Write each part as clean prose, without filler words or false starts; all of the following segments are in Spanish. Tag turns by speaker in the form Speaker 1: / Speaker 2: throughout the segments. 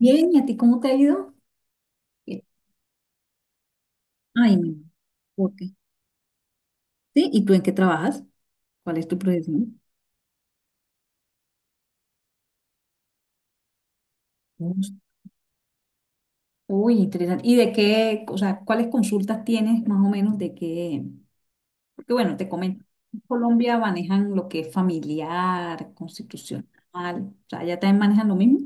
Speaker 1: Bien, ¿y a ti cómo te ha ido? Bien. Ay, no. Ok. ¿Sí? ¿Y tú en qué trabajas? ¿Cuál es tu profesión? Ups. Uy, interesante. ¿Y de qué, o sea, cuáles consultas tienes más o menos de qué? Porque bueno, te comento, en Colombia manejan lo que es familiar, constitucional, o sea, ¿ya también manejan lo mismo?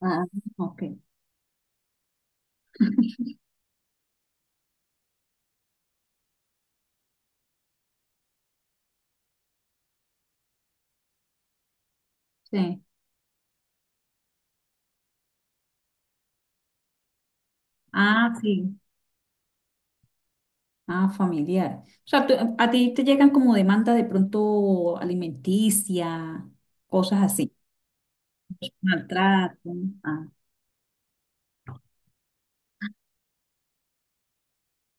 Speaker 1: Ah, ok. Sí. Ah, sí. Ah, familiar. O sea, a ti te llegan como demanda de pronto alimenticia, cosas así, maltrato. Ah,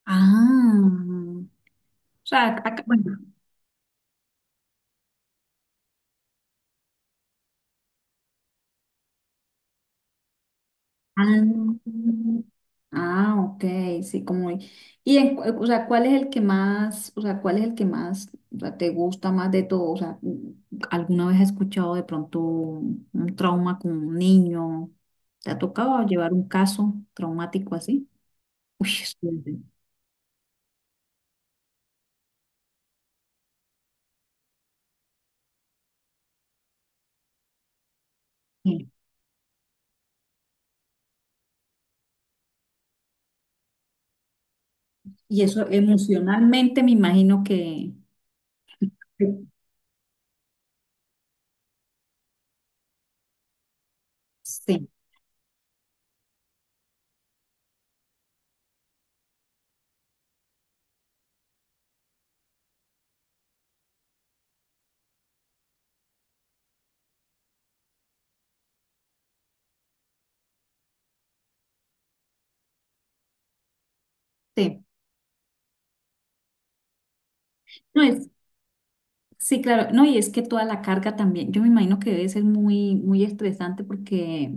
Speaker 1: ah, o sea, acá, bueno, ah, ah, ok, sí, como, y en, o sea, ¿cuál es el que más, o sea, cuál es el que más, o sea, te gusta más de todo? O sea, ¿alguna vez has escuchado de pronto un trauma con un niño? ¿Te ha tocado llevar un caso traumático así? Uy, es fuerte. Sí. Y eso emocionalmente me imagino que, que- sí, sí. No, es sí, claro. No, y es que toda la carga también, yo me imagino que debe ser muy, muy estresante porque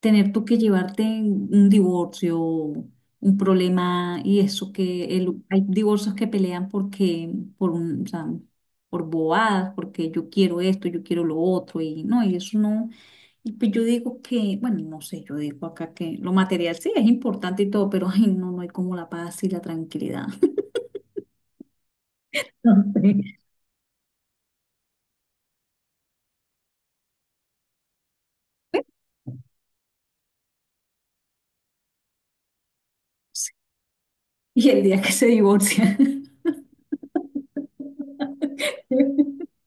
Speaker 1: tener tú que llevarte un divorcio, un problema y eso que hay divorcios que pelean porque, por un, o sea, por bobadas, porque yo quiero esto, yo quiero lo otro y no, y eso no. Y pues yo digo que, bueno, no sé, yo digo acá que lo material sí es importante y todo, pero ay, no, no hay como la paz y la tranquilidad. No sé. Y el día que se divorcia.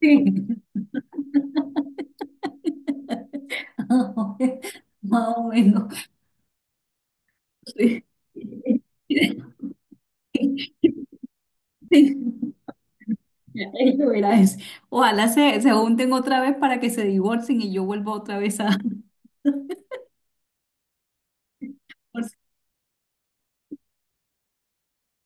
Speaker 1: Sí. Más o menos. Sí. Ahí eso, verás. Ojalá se, se junten otra vez para que se divorcien y yo vuelva otra vez a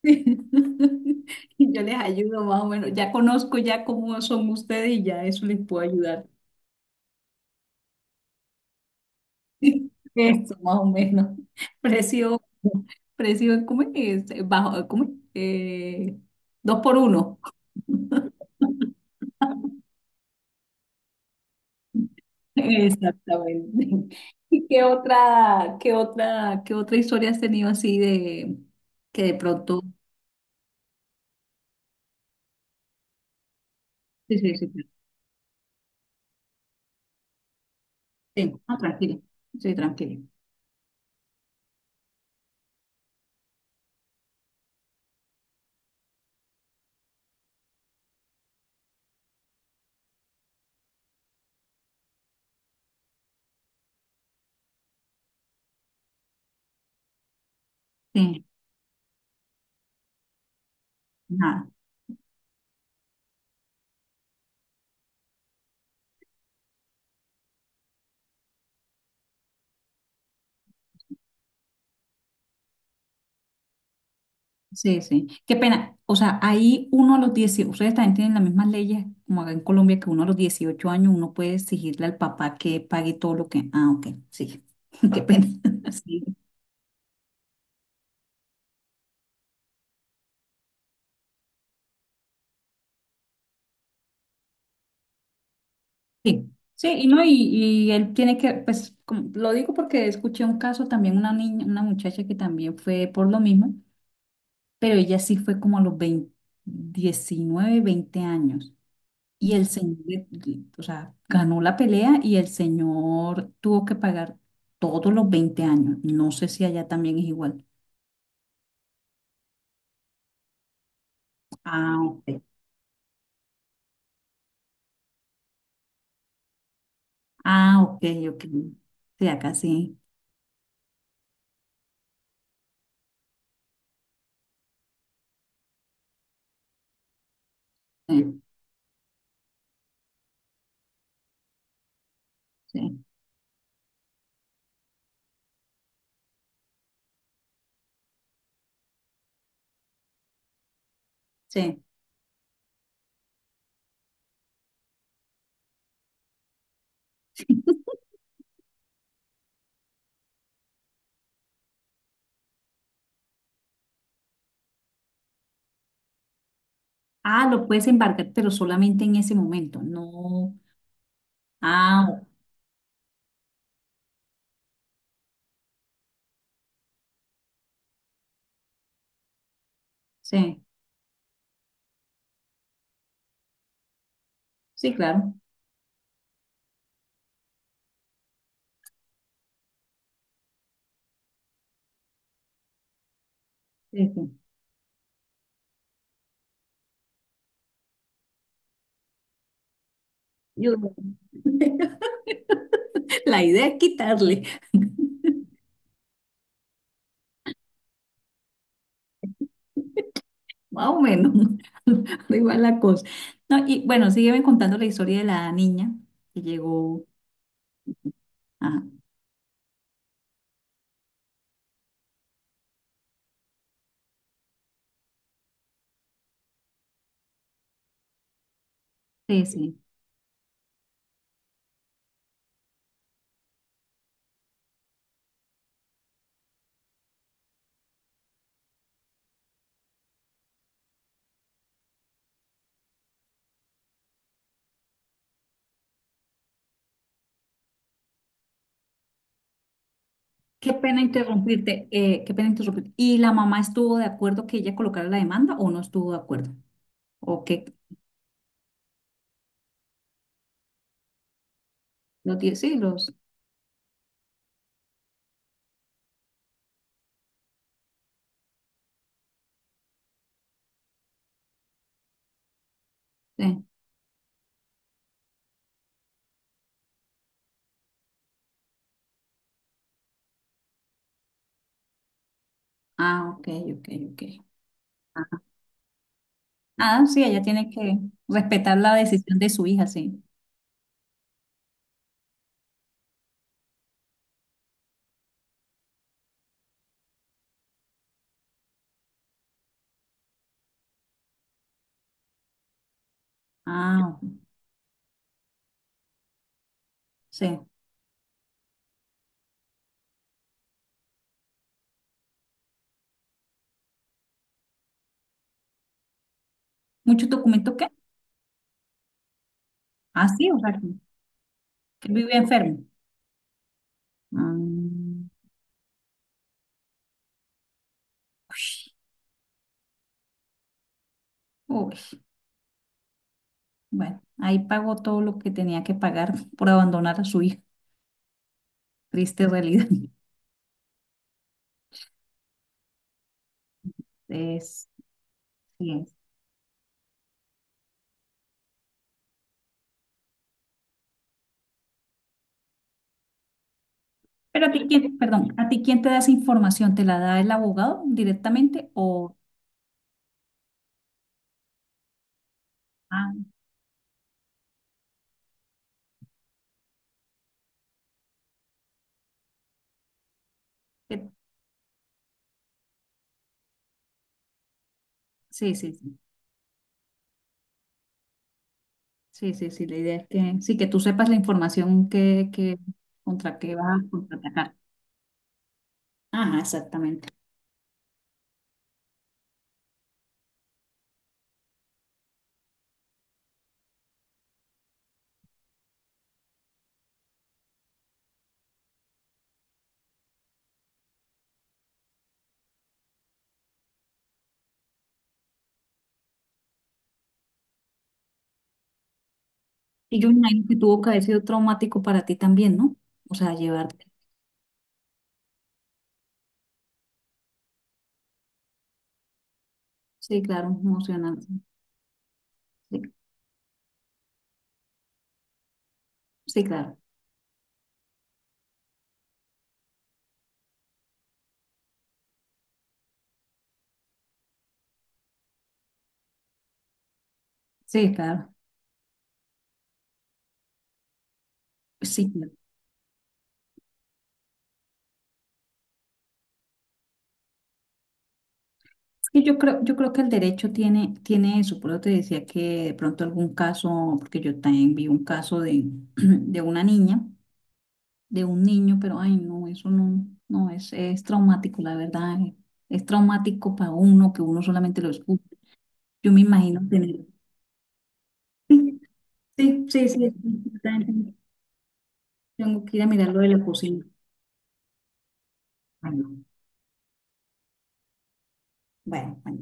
Speaker 1: divorciarme. Y yo les ayudo más o menos. Ya conozco ya cómo son ustedes y ya eso les puedo ayudar. Eso, más o menos. Precio, precio, ¿cómo es? Este, bajo, ¿cómo es? Dos por uno. Exactamente. ¿Y qué otra, qué otra, qué otra historia has tenido así de que de pronto? Sí, sí, sí, sí. Ah, tranquila. Sí, tranquila. Sí, nada. Sí, sí. Qué pena. O sea, ahí uno a los 18. Ustedes también tienen las mismas leyes como acá en Colombia, que uno a los 18 años uno puede exigirle al papá que pague todo lo que... Ah, ok, sí. Qué pena. Sí, sí. Sí, y no, y él tiene que, pues, lo digo porque escuché un caso también, una niña, una muchacha que también fue por lo mismo, pero ella sí fue como a los 20 19, 20 años. Y el señor, o sea, ganó la pelea y el señor tuvo que pagar todos los 20 años. No sé si allá también es igual. Ah, ok. Ah, ok, ok. Sí, acá sí. Sí, sí, sí. Ah, lo puedes embarcar, pero solamente en ese momento. No. Ah, ok, sí. Sí, claro. Sí, sí. Yo- la idea es quitarle, más o menos. Da igual la cosa. No, y bueno, sígueme contando la historia de la niña que llegó. Ah, sí, sí. Qué pena interrumpirte, qué pena interrumpirte. ¿Y la mamá estuvo de acuerdo que ella colocara la demanda o no estuvo de acuerdo? ¿O qué? ¿Lo tiene? Sí, los... eh. Ah, ok, ok, ok. Ajá. Ah, sí, ella tiene que respetar la decisión de su hija, sí. Ah, ok, sí. ¿Muchos documentos qué? Ah, sí, o sea, que vive enfermo. Mm, uy, bueno, ahí pagó todo lo que tenía que pagar por abandonar a su hija. Triste realidad. Es, sí. Pero a ti quién, perdón, ¿a ti quién te da esa información? ¿Te la da el abogado directamente o ah, que- sí, sí, sí. Sí, sí, sí, la idea es que sí que tú sepas la información que contra qué vas a contraatacar. Ajá, exactamente. Y yo me imagino que tuvo que haber sido traumático para ti también, ¿no? O sea, llevarte. Sí, claro, emocionante. Sí, sí, claro. Sí, claro. Sí, claro. Y yo creo que el derecho tiene, tiene eso, por eso te decía que de pronto algún caso, porque yo también vi un caso de, de una niña, de un niño, pero ay no, eso no, no es, es traumático, la verdad, es traumático para uno, que uno solamente lo escucha. Yo me imagino tener. Sí, sí, sí, sí, yo también tengo que ir a mirar lo de la cocina. Bueno, bueno, bueno,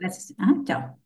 Speaker 1: gracias. Ah, chao.